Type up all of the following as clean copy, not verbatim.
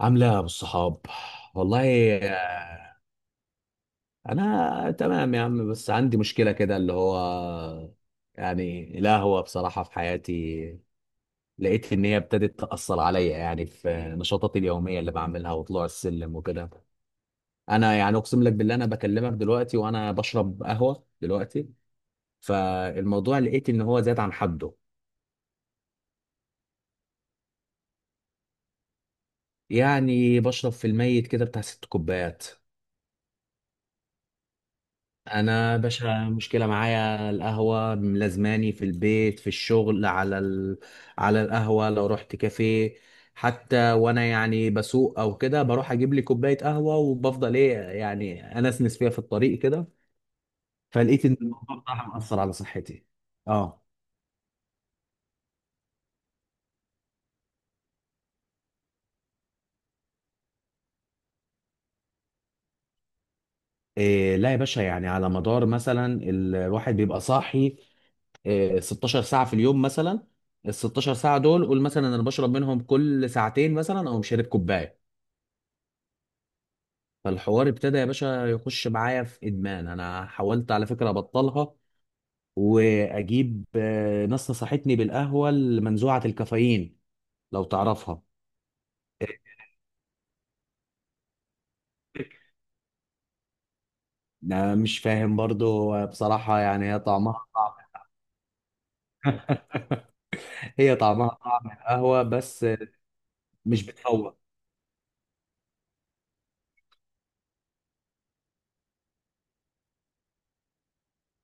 عاملة إيه يا أبو الصحاب؟ والله آه، أنا تمام يا عم، بس عندي مشكلة كده اللي هو يعني القهوة بصراحة في حياتي. لقيت إن هي ابتدت تأثر عليا يعني في نشاطاتي اليومية اللي بعملها وطلوع السلم وكده. أنا يعني أقسم لك بالله، أنا بكلمك دلوقتي وأنا بشرب قهوة دلوقتي. فالموضوع لقيت إن هو زاد عن حده. يعني بشرب في الميت كده بتاع ست كوبايات. انا باشا مشكله معايا القهوه ملازماني في البيت في الشغل على على القهوه. لو رحت كافيه، حتى وانا يعني بسوق او كده بروح اجيب لي كوبايه قهوه وبفضل ايه يعني انسنس فيها في الطريق كده. فلقيت ان الموضوع بصراحه مأثر على صحتي. اه. إيه لا يا باشا، يعني على مدار مثلا الواحد بيبقى صاحي إيه 16 ساعه في اليوم مثلا. ال 16 ساعه دول، قول مثلا انا بشرب منهم كل ساعتين مثلا او مشارب كوبايه. فالحوار ابتدى يا باشا يخش معايا في ادمان. انا حاولت على فكره ابطلها واجيب، ناس نصحتني بالقهوه المنزوعه الكافيين، لو تعرفها. انا مش فاهم برضو، بصراحه يعني هي طعمها طعم. هي طعمها طعم القهوه بس مش بتفوق.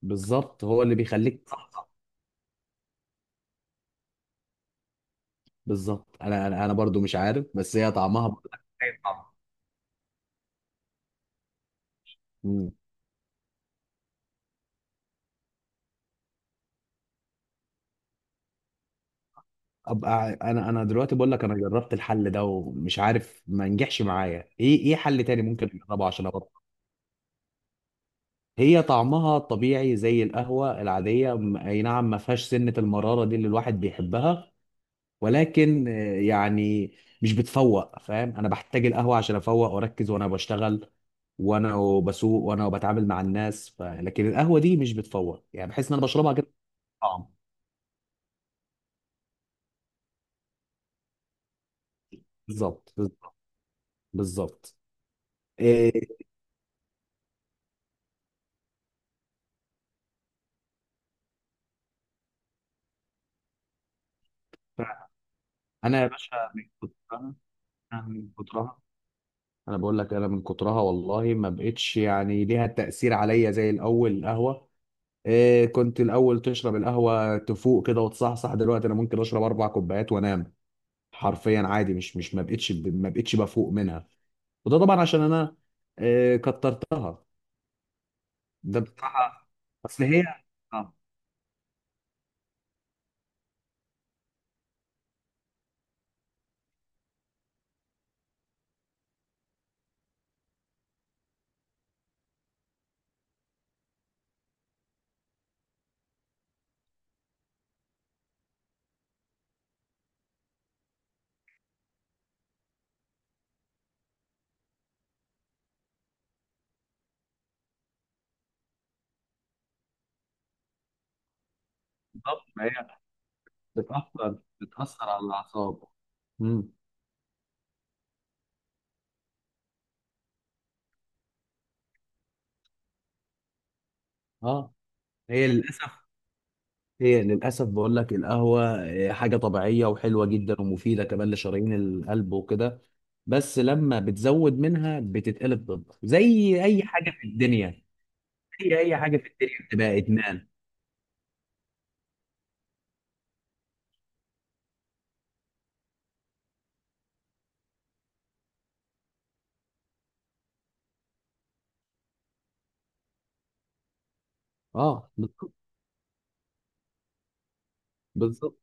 بالظبط هو اللي بيخليك تصحصح. بالظبط، انا انا أنا برضو مش عارف، بس هي طعمها بقول لك زي القهوة. ابقى انا دلوقتي بقول لك، انا جربت الحل ده ومش عارف، ما نجحش معايا. ايه ايه حل تاني ممكن اجربه عشان ابطل؟ هي طعمها طبيعي زي القهوة العادية. اي نعم، ما فيهاش سنة المرارة دي اللي الواحد بيحبها، ولكن يعني مش بتفوق، فاهم. انا بحتاج القهوة عشان افوق واركز وانا بشتغل وانا بسوق وانا بتعامل مع الناس. لكن القهوة دي مش بتفوق، يعني بحس ان انا بشربها كده طعم. بالظبط. بالظبط. إيه، فانا يا باشا، أنا من كترها، انا بقول لك، انا من كترها والله ما بقتش يعني ليها تأثير عليا زي الاول القهوة. إيه، كنت الاول تشرب القهوة تفوق كده وتصحصح. دلوقتي انا ممكن اشرب اربع كوبايات وانام حرفيا عادي. مش ما بقتش بفوق منها. وده طبعا عشان انا إيه كترتها. ده بصراحة، اصل هي، آه، بالظبط. ما هي بتأثر على الاعصاب. امم. اه. هي للاسف، هي للأسف بقول لك القهوة إيه، حاجة طبيعية وحلوة جدا ومفيدة كمان لشرايين القلب وكده، بس لما بتزود منها بتتقلب ضدك زي أي حاجة في الدنيا. زي أي حاجة في الدنيا بتبقى إدمان. اه بالظبط. بالظبط.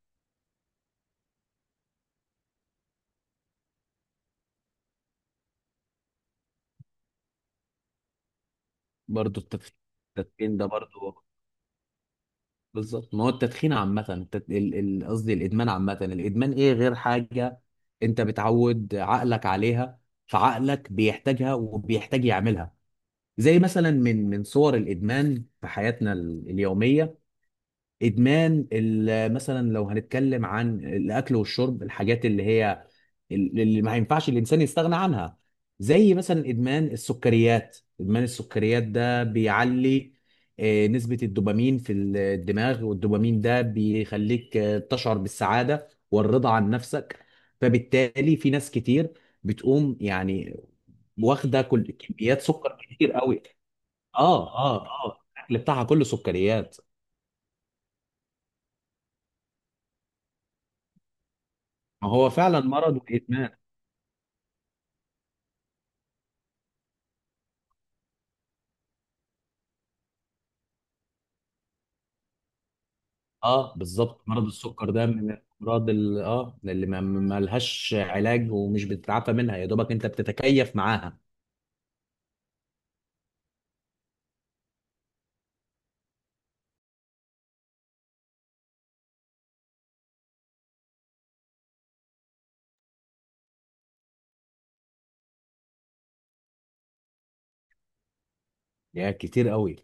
برضه التدخين. التدخين ده برضه، بالظبط. ما هو التدخين عامة، قصدي الإدمان عامة. الإدمان إيه غير حاجة أنت بتعود عقلك عليها؟ فعقلك بيحتاجها وبيحتاج يعملها. زي مثلا من صور الادمان في حياتنا اليوميه، مثلا لو هنتكلم عن الاكل والشرب، الحاجات اللي هي اللي ما ينفعش الانسان يستغنى عنها، زي مثلا ادمان السكريات. ادمان السكريات ده بيعلي نسبه الدوبامين في الدماغ، والدوبامين ده بيخليك تشعر بالسعاده والرضا عن نفسك. فبالتالي في ناس كتير بتقوم يعني واخده كل كميات سكر كتير قوي. اه الاكل بتاعها كله سكريات. ما هو فعلا مرض وادمان. اه بالظبط، مرض السكر ده من الامراض اه اللي ما لهاش علاج ومش بتتعافى منها، يا دوبك انت بتتكيف معاها. يا كتير قوي.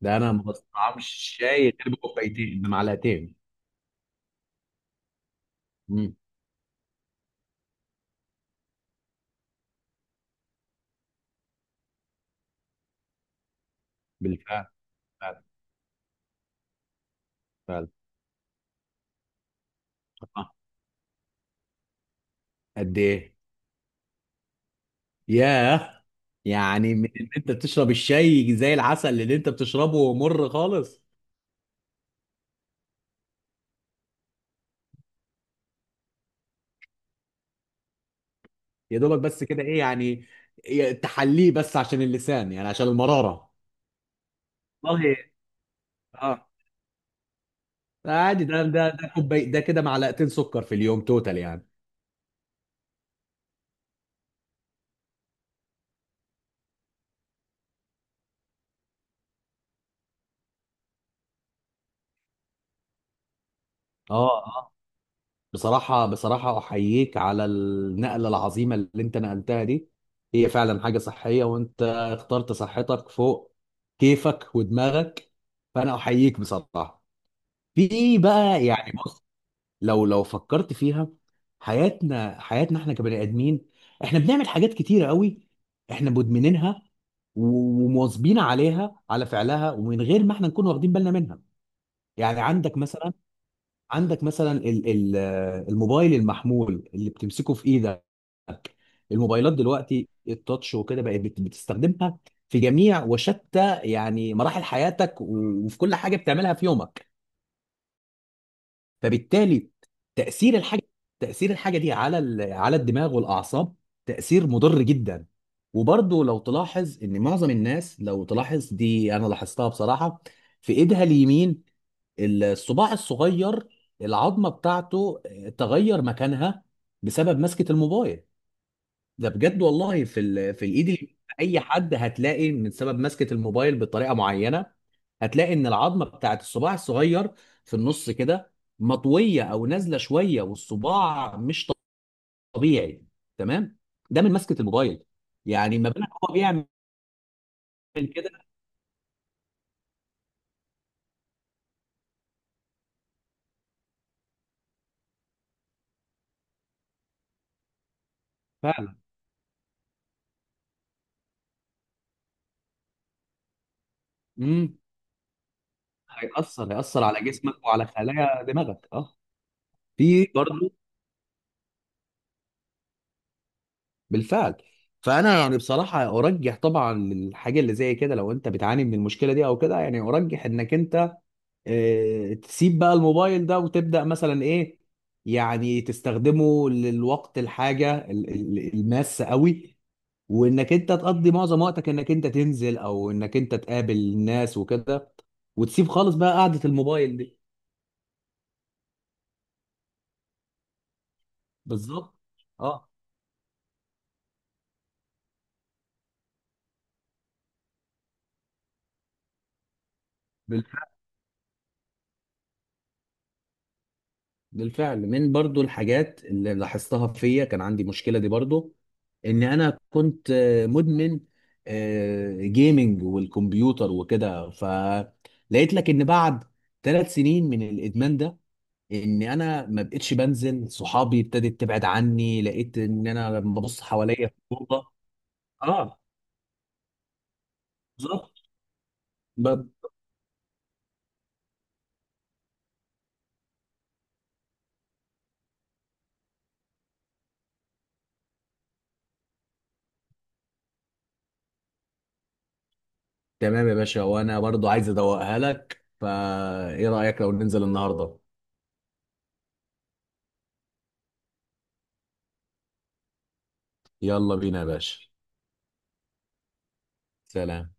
ده انا ما بستطعمش شاي غير بكوبايتين بمعلقتين. امم. بالفعل. فعلا. فعلا. آه. قد ايه؟ ياه، يعني من ان انت بتشرب الشاي زي العسل اللي انت بتشربه مر خالص. يا دوبك بس كده، ايه يعني إيه، تحليه بس عشان اللسان، يعني عشان المرارة. والله. اه. عادي، ده كوباي ده كده معلقتين سكر في اليوم توتال يعني. اه اه. بصراحة بصراحة أحييك على النقلة العظيمة اللي أنت نقلتها دي. هي فعلا حاجة صحية، وأنت اخترت صحتك فوق كيفك ودماغك، فأنا أحييك بصراحة. في بقى يعني بص، لو فكرت فيها، حياتنا، احنا كبني ادمين، احنا بنعمل حاجات كتيره قوي احنا مدمنينها ومواظبين عليها على فعلها، ومن غير ما احنا نكون واخدين بالنا منها. يعني عندك مثلا، عندك مثلا ال- ال- الموبايل المحمول اللي بتمسكه في ايدك. الموبايلات دلوقتي التاتش وكده بقت بتستخدمها في جميع وشتى يعني مراحل حياتك وفي كل حاجه بتعملها في يومك. فبالتالي تأثير الحاجة تأثير الحاجة دي على على الدماغ والأعصاب، تأثير مضر جدا. وبرضه لو تلاحظ إن معظم الناس، لو تلاحظ دي أنا لاحظتها بصراحة، في إيدها اليمين الصباع الصغير، العظمة بتاعته تغير مكانها بسبب مسكة الموبايل. ده بجد والله. في الايد اليمين اي حد هتلاقي من سبب مسكة الموبايل بطريقة معينة، هتلاقي ان العظمة بتاعت الصباع الصغير في النص كده مطوية او نازلة شوية، والصباع مش طبيعي، تمام. ده من مسكة الموبايل. يعني ما بالك هو بيعمل كده. فعلا. امم. هيأثر على جسمك وعلى خلايا دماغك، اه. في برضه. بالفعل. فانا يعني بصراحه ارجح طبعا الحاجه اللي زي كده، لو انت بتعاني من المشكله دي او كده، يعني ارجح انك انت تسيب بقى الموبايل ده وتبدا مثلا ايه. يعني تستخدمه للوقت الحاجه الماسه قوي، وانك انت تقضي معظم وقتك انك انت تنزل، او انك انت تقابل الناس وكده، وتسيب خالص بقى قعده الموبايل دي. بالظبط. اه. بالفعل، من برضو الحاجات اللي لاحظتها فيا كان عندي مشكلة دي برضو، ان انا كنت مدمن جيمنج والكمبيوتر وكده. فلقيت لك ان بعد ثلاث سنين من الادمان ده ان انا ما بقتش بنزل صحابي، ابتدت تبعد عني، لقيت ان انا لما ببص حواليا في الاوضه. اه بالظبط. ب- تمام يا باشا، وانا برضو عايز ادوقها لك، فايه رايك لو ننزل النهارده؟ يلا بينا يا باشا، سلام.